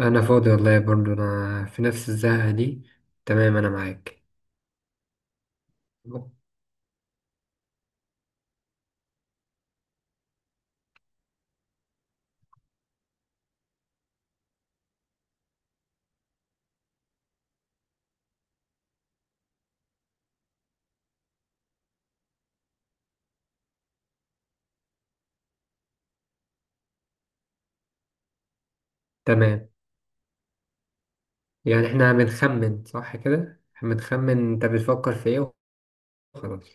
انا فاضي والله، برضو انا في نفس الزهقة دي. تمام، انا معاك. تمام. يعني احنا بنخمن صح كده، إحنا بنخمن انت بتفكر في ايه. وخلاص.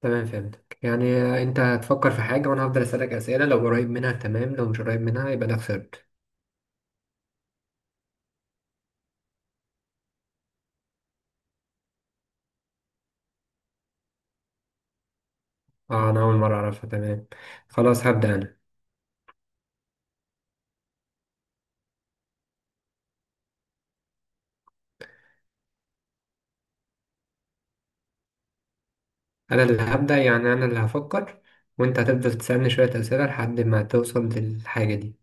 تمام، فهمتك. يعني انت هتفكر في حاجة وانا هفضل اسألك اسئلة، لو قريب منها تمام، لو مش قريب منها يبقى انا خسرت. اه، انا اول مرة اعرفها. تمام، خلاص هبدأ انا. انا اللي هبدأ، يعني انا اللي هفكر وانت هتفضل تسألني شوية اسئلة لحد ما توصل للحاجة دي.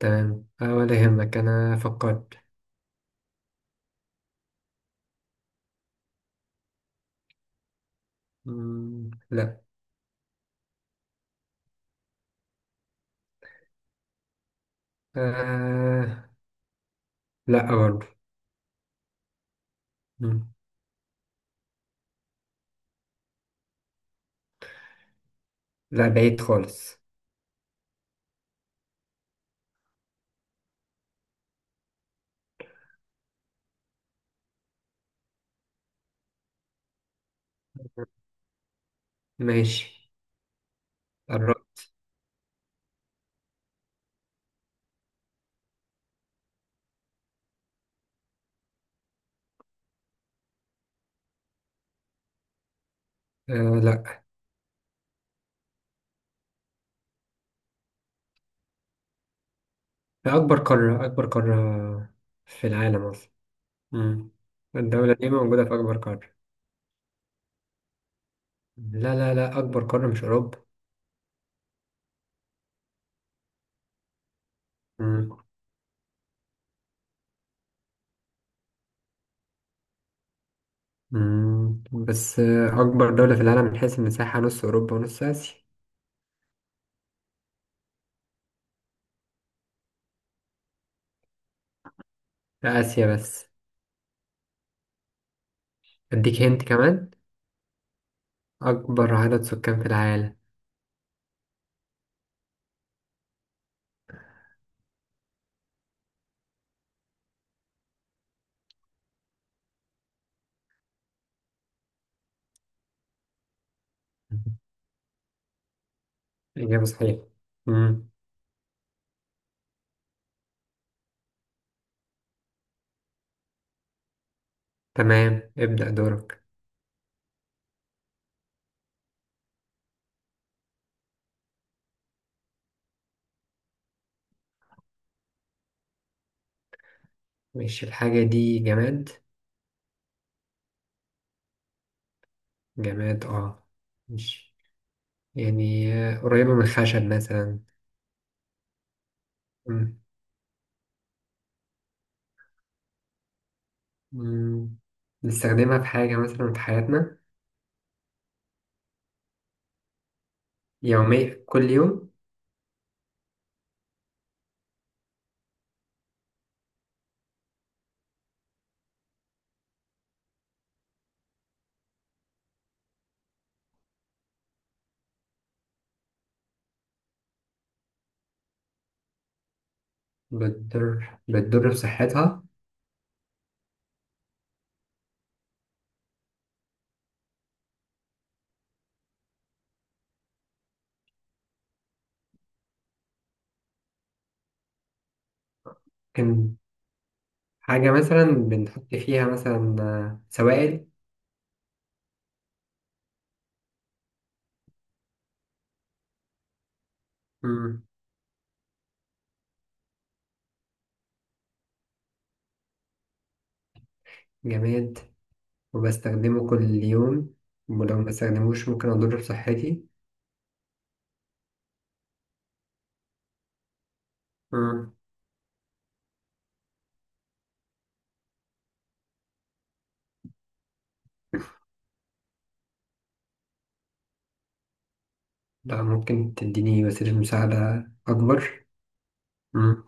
تمام آه، ولا يهمك، انا فكرت. مم، لا. آه. لا برضه. مم. لا، بعيد خالص. ماشي. قرب. آه. لا. أكبر قارة في العالم أصلا. مم. الدولة دي موجودة في أكبر قارة. لا لا لا، أكبر قارة مش أوروبا. مم. مم. بس آه، أكبر دولة في العالم من حيث المساحة نص أوروبا ونص آسيا. لا، آسيا بس. أديك هنت كمان، أكبر عدد سكان في العالم. مم. إجابة صحيحة. مم. تمام، ابدأ دورك. مش الحاجة دي جماد. جماد اه. مش يعني قريبة من الخشب مثلا. مم. مم. بنستخدمها في حاجة مثلا في حياتنا يومية كل يوم. بتضر بصحتها. ممكن حاجة مثلا بنحط فيها مثلا آه، سوائل. مم. جماد وبستخدمه كل يوم ولو ما استخدموش ممكن أضر بصحتي. مم. لا، ممكن تديني وسيلة مساعدة أكبر. مم.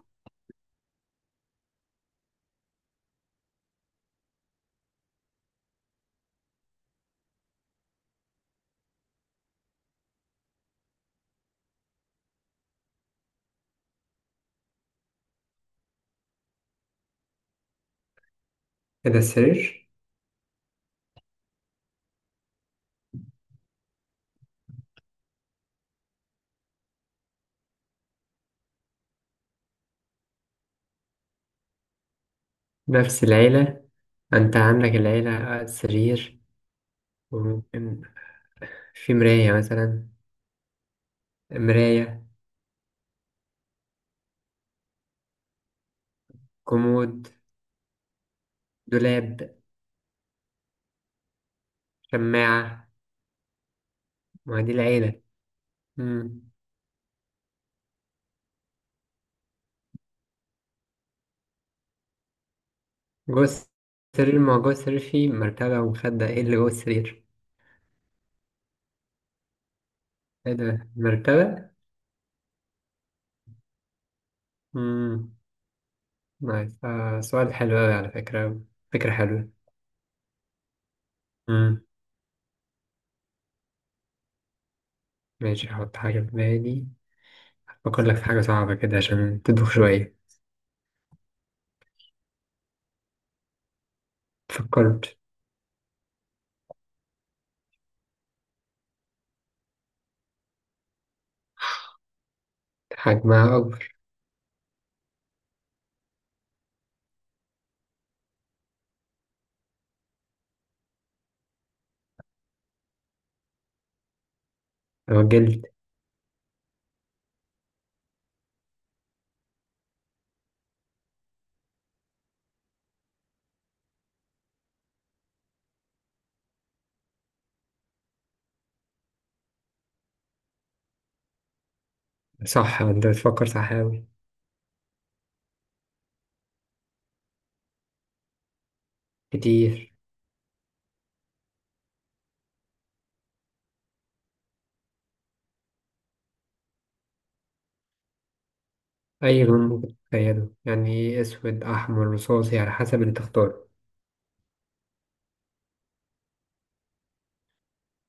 كده السرير. نفس العيلة. انت عندك العيلة سرير وممكن في مراية مثلا. مراية. كومود. دولاب. شماعة. ما دي العيلة. مم. جوه السرير، ما هو جوه السرير في مرتبة ومخدة، ايه اللي جوه السرير؟ ايه ده مرتبة؟ مم. نايس آه، سؤال حلو أوي على فكرة. فكرة حلوة. مم. ماشي، هحط حاجة في بالي. أفكر لك في حاجة صعبة كده عشان تدوخ شوية. فكرت. حجمها أكبر. لو جلد. صح، أنت بتفكر صح أوي. كتير. أي لون ممكن تتخيله، يعني إيه، أسود أحمر رصاصي على حسب اللي تختاره.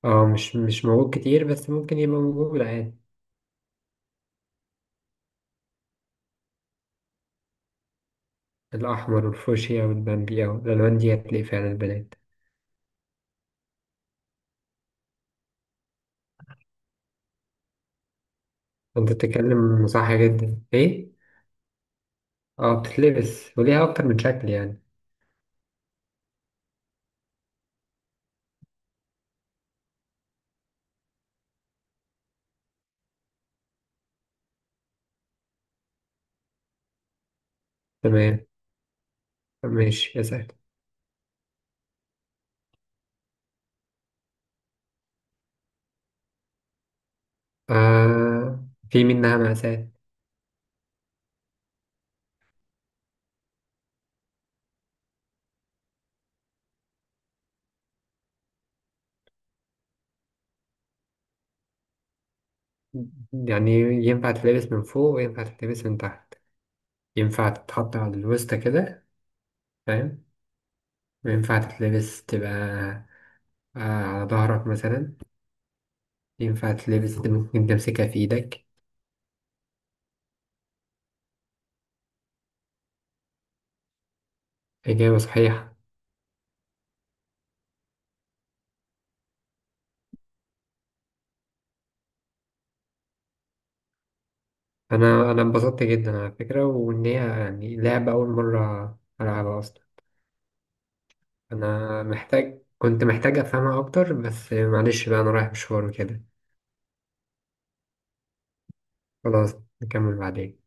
اه، مش موجود كتير بس ممكن يبقى موجود عادي. الأحمر والفوشيا والبامبي أو الألوان دي هتلاقي فعلا البنات. أنت بتتكلم صح جدا، إيه؟ اه بتتلبس وليها أكتر من شكل يعني. تمام، ماشي اسأل. آه في منها مقاسات. يعني ينفع تتلبس من فوق وينفع تتلبس من تحت. ينفع تتحط على الوسطى كده، فاهم؟ وينفع تتلبس تبقى آه على ظهرك مثلا. ينفع تلبس، ممكن تمسكها في إيدك. إجابة صحيحة. أنا انبسطت جدا على فكرة، وإن هي يعني لعبة أول مرة ألعبها أصلا. أنا كنت محتاج أفهمها أكتر بس معلش بقى، أنا رايح مشوار وكده. خلاص نكمل بعدين.